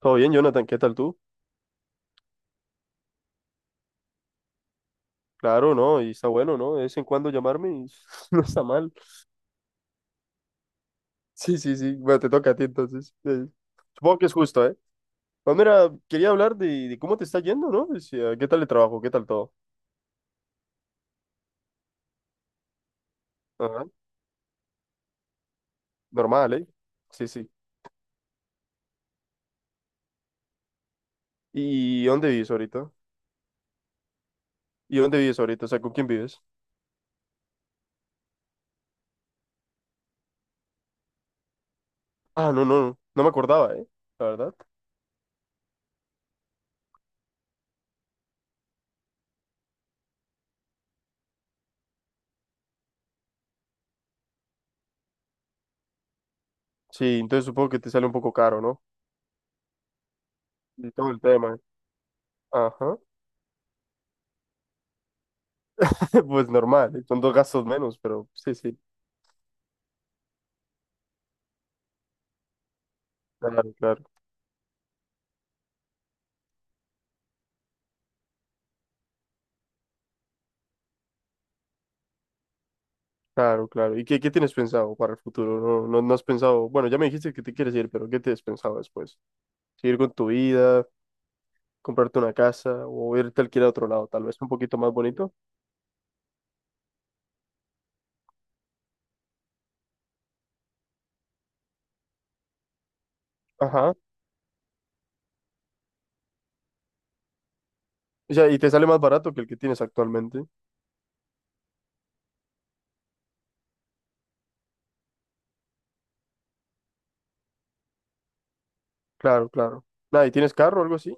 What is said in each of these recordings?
Todo bien, Jonathan, ¿qué tal tú? Claro, ¿no? Y está bueno, ¿no? De vez en cuando llamarme y no está mal. Sí, sí, sí. Bueno, te toca a ti entonces. Supongo que es justo, ¿eh? Pues mira, quería hablar de cómo te está yendo, ¿no? Decía, ¿qué tal el trabajo? ¿Qué tal todo? Ajá. Normal, ¿eh? Sí, sí. ¿Y dónde vives ahorita? ¿Y dónde vives ahorita? O sea, ¿con quién vives? Ah, no, no, no. No me acordaba, ¿eh? La verdad. Sí, entonces supongo que te sale un poco caro, ¿no? Y todo el tema, ¿eh? Ajá. Pues normal, ¿eh? Son dos gastos menos, pero sí, sí. Claro, claro. Claro, claro. ¿Y qué, qué tienes pensado para el futuro? No, no, no has pensado, bueno, ya me dijiste que te quieres ir, pero ¿qué te has pensado después? ¿Seguir con tu vida, comprarte una casa o irte a alquilar a otro lado, tal vez un poquito más bonito? Ajá. O sea, y te sale más barato que el que tienes actualmente. Claro, claro. Nada, ¿y tienes carro o algo así?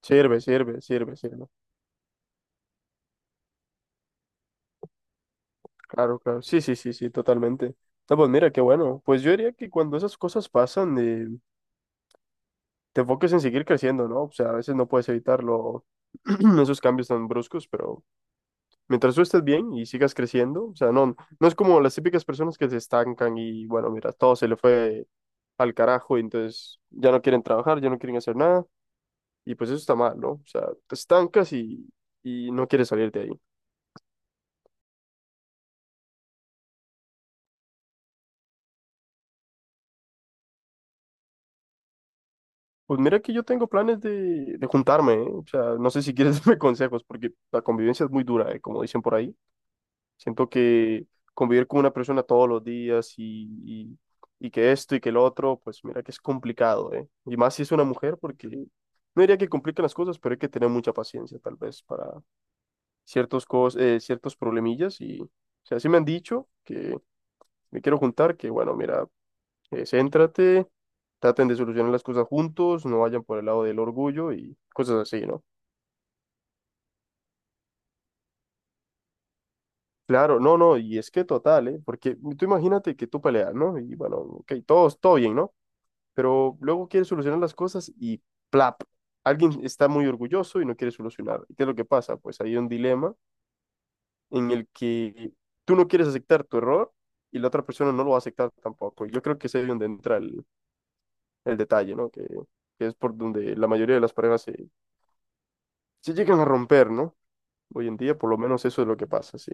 Sirve, sirve, sirve, sirve. Claro, claro. Sí, sí, sí, sí, totalmente. No, pues mira, qué bueno. Pues yo diría que cuando esas cosas pasan, te enfoques en seguir creciendo, ¿no? O sea, a veces no puedes evitarlo, esos cambios tan bruscos, pero... Mientras tú estés bien y sigas creciendo, o sea, no, no es como las típicas personas que se estancan y bueno, mira, todo se le fue al carajo y entonces ya no quieren trabajar, ya no quieren hacer nada y pues eso está mal, ¿no? O sea, te estancas y no quieres salir de ahí. Pues mira que yo tengo planes de juntarme, ¿eh? O sea, no sé si quieres darme consejos porque la convivencia es muy dura, ¿eh? Como dicen por ahí. Siento que convivir con una persona todos los días y que esto y que el otro, pues mira que es complicado, ¿eh? Y más si es una mujer, porque no diría que complican las cosas, pero hay que tener mucha paciencia tal vez para ciertos problemillas. Y, o sea, sí me han dicho que me quiero juntar, que bueno, mira, céntrate, traten de solucionar las cosas juntos, no vayan por el lado del orgullo y cosas así, ¿no? Claro, no, no, y es que total, ¿eh? Porque tú imagínate que tú peleas, ¿no? Y bueno, ok, todos, todo bien, ¿no? Pero luego quiere solucionar las cosas y plap, alguien está muy orgulloso y no quiere solucionar. ¿Y qué es lo que pasa? Pues hay un dilema en el que tú no quieres aceptar tu error y la otra persona no lo va a aceptar tampoco. Yo creo que es ahí donde entra el detalle, ¿no? Que es por donde la mayoría de las parejas se llegan a romper, ¿no? Hoy en día, por lo menos eso es lo que pasa, sí.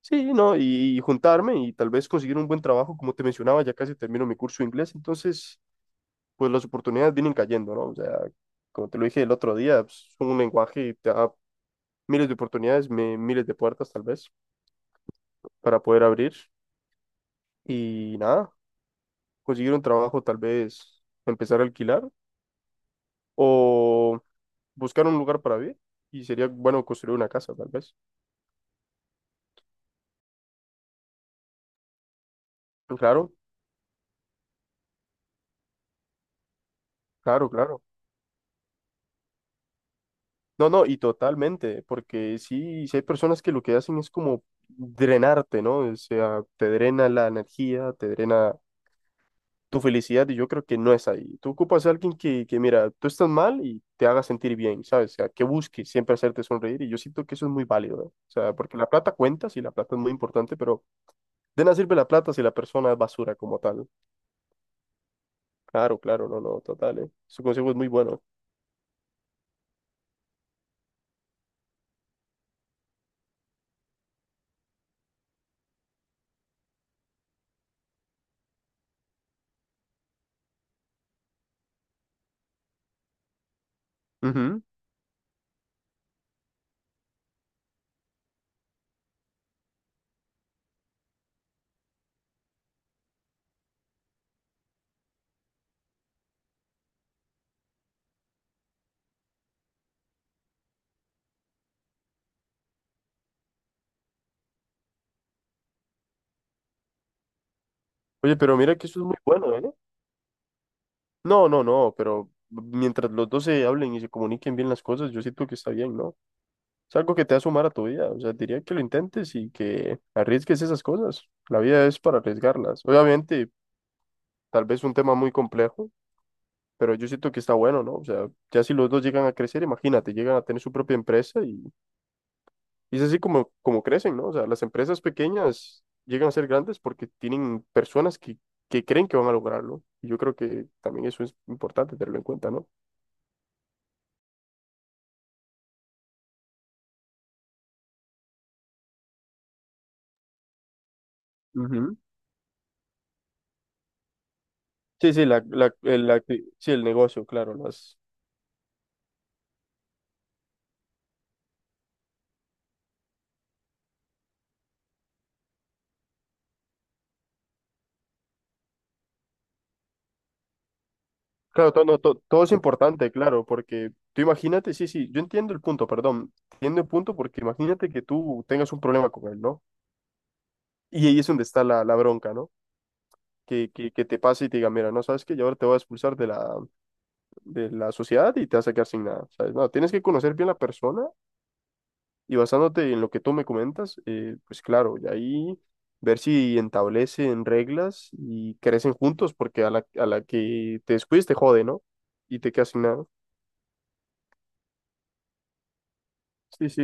Sí, ¿no? Y juntarme y tal vez conseguir un buen trabajo, como te mencionaba, ya casi termino mi curso de inglés, entonces... pues las oportunidades vienen cayendo, ¿no? O sea, como te lo dije el otro día, pues, es un lenguaje y te da miles de oportunidades, miles de puertas tal vez para poder abrir y nada, conseguir un trabajo tal vez, empezar a alquilar o buscar un lugar para vivir y sería bueno construir una casa tal vez. Claro, claro, claro. No, no, y totalmente, porque sí, sí hay personas que lo que hacen es como drenarte, ¿no? O sea, te drena la energía, te drena tu felicidad y yo creo que no es ahí. Tú ocupas a alguien mira, tú estás mal y te haga sentir bien, ¿sabes? O sea, que busque siempre hacerte sonreír y yo siento que eso es muy válido, ¿eh? O sea, porque la plata cuenta, sí, la plata es muy importante, pero de nada sirve la plata si la persona es basura como tal. Claro, claro, no, no, total, ¿eh? Su consejo es muy bueno. Ujú. Oye, pero mira que eso es muy bueno, ¿eh? No, no, no, pero mientras los dos se hablen y se comuniquen bien las cosas, yo siento que está bien, ¿no? Es algo que te va a sumar a tu vida. O sea, diría que lo intentes y que arriesgues esas cosas. La vida es para arriesgarlas. Obviamente, tal vez un tema muy complejo, pero yo siento que está bueno, ¿no? O sea, ya si los dos llegan a crecer, imagínate, llegan a tener su propia empresa y es así como, como crecen, ¿no? O sea, las empresas pequeñas llegan a ser grandes porque tienen personas que creen que van a lograrlo. Y yo creo que también eso es importante tenerlo en cuenta, ¿no? Ujú. Sí, sí, la, el, la acti- sí, el negocio, claro, las, claro, todo, no, todo es importante, claro, porque tú imagínate, sí, sí, yo entiendo el punto, perdón, entiendo el punto porque imagínate que tú tengas un problema con él, ¿no? Y ahí es donde está la bronca, ¿no? Que te pase y te diga, mira, no sabes que yo ahora te voy a expulsar de la sociedad y te vas a quedar sin nada, ¿sabes? No, tienes que conocer bien la persona y basándote en lo que tú me comentas, pues claro, y ahí ver si establecen reglas y crecen juntos porque a a la que te descuides te jode, ¿no? Y te quedas sin nada. Sí, sí,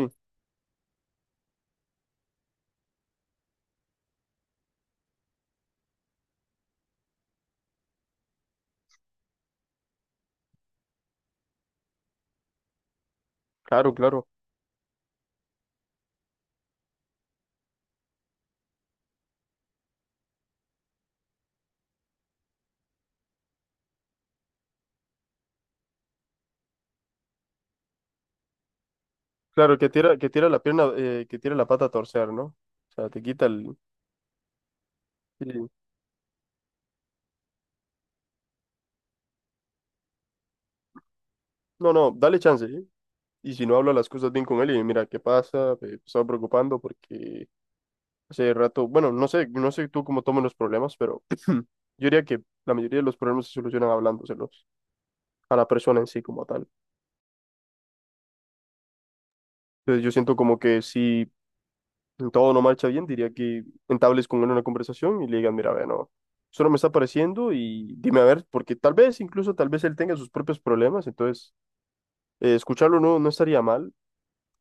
claro, claro. Claro, que tira la pierna, que tira la pata a torcer, ¿no? O sea, te quita el... sí. No, no, dale chance, ¿eh? Y si no habla las cosas bien con él y mira, ¿qué pasa? Me estaba preocupando porque hace rato, bueno, no sé, no sé tú cómo tomas los problemas, pero yo diría que la mayoría de los problemas se solucionan hablándoselos a la persona en sí como tal. Entonces yo siento como que si todo no marcha bien, diría que entables con él una conversación y le digan, mira, ve, no, eso no me está pareciendo y dime a ver, porque tal vez, incluso tal vez él tenga sus propios problemas, entonces escucharlo no, no estaría mal,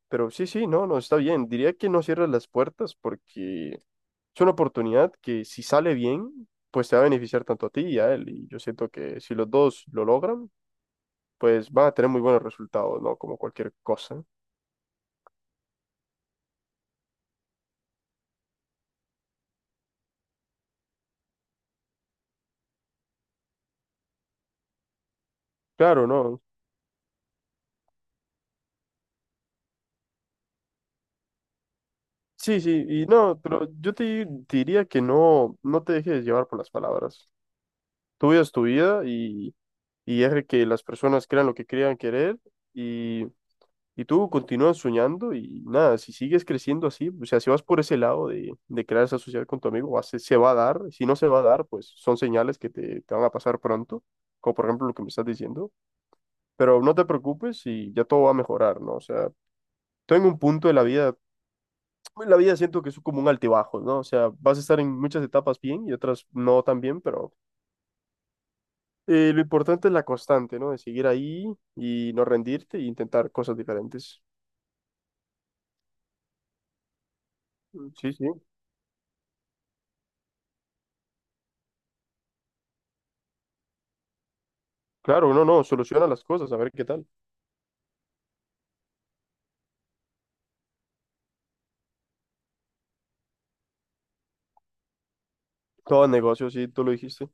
pero sí, sí, no, no, está bien. Diría que no cierres las puertas porque es una oportunidad que si sale bien, pues te va a beneficiar tanto a ti y a él. Y yo siento que si los dos lo logran, pues van a tener muy buenos resultados, ¿no? Como cualquier cosa. Claro, no. Sí, sí, y no, pero yo te diría que no, no te dejes llevar por las palabras. Tu vida es tu vida y deja que las personas crean lo que crean querer. Y tú continúas soñando y nada, si sigues creciendo así, o sea, si vas por ese lado de crear esa sociedad con tu amigo, se va a dar. Si no se va a dar, pues son señales que te van a pasar pronto, como por ejemplo lo que me estás diciendo. Pero no te preocupes y ya todo va a mejorar, ¿no? O sea, tú en un punto de la vida, en la vida siento que es como un altibajo, ¿no? O sea, vas a estar en muchas etapas bien y otras no tan bien, pero lo importante es la constante, ¿no? De seguir ahí y no rendirte e intentar cosas diferentes. Sí, sí. Claro, uno no, soluciona las cosas, a ver qué tal. Todo negocio, sí, tú lo dijiste.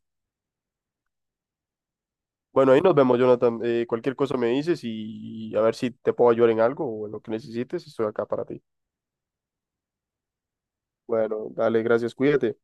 Bueno, ahí nos vemos, Jonathan. Cualquier cosa me dices y a ver si te puedo ayudar en algo o en lo que necesites, estoy acá para ti. Bueno, dale, gracias, cuídate.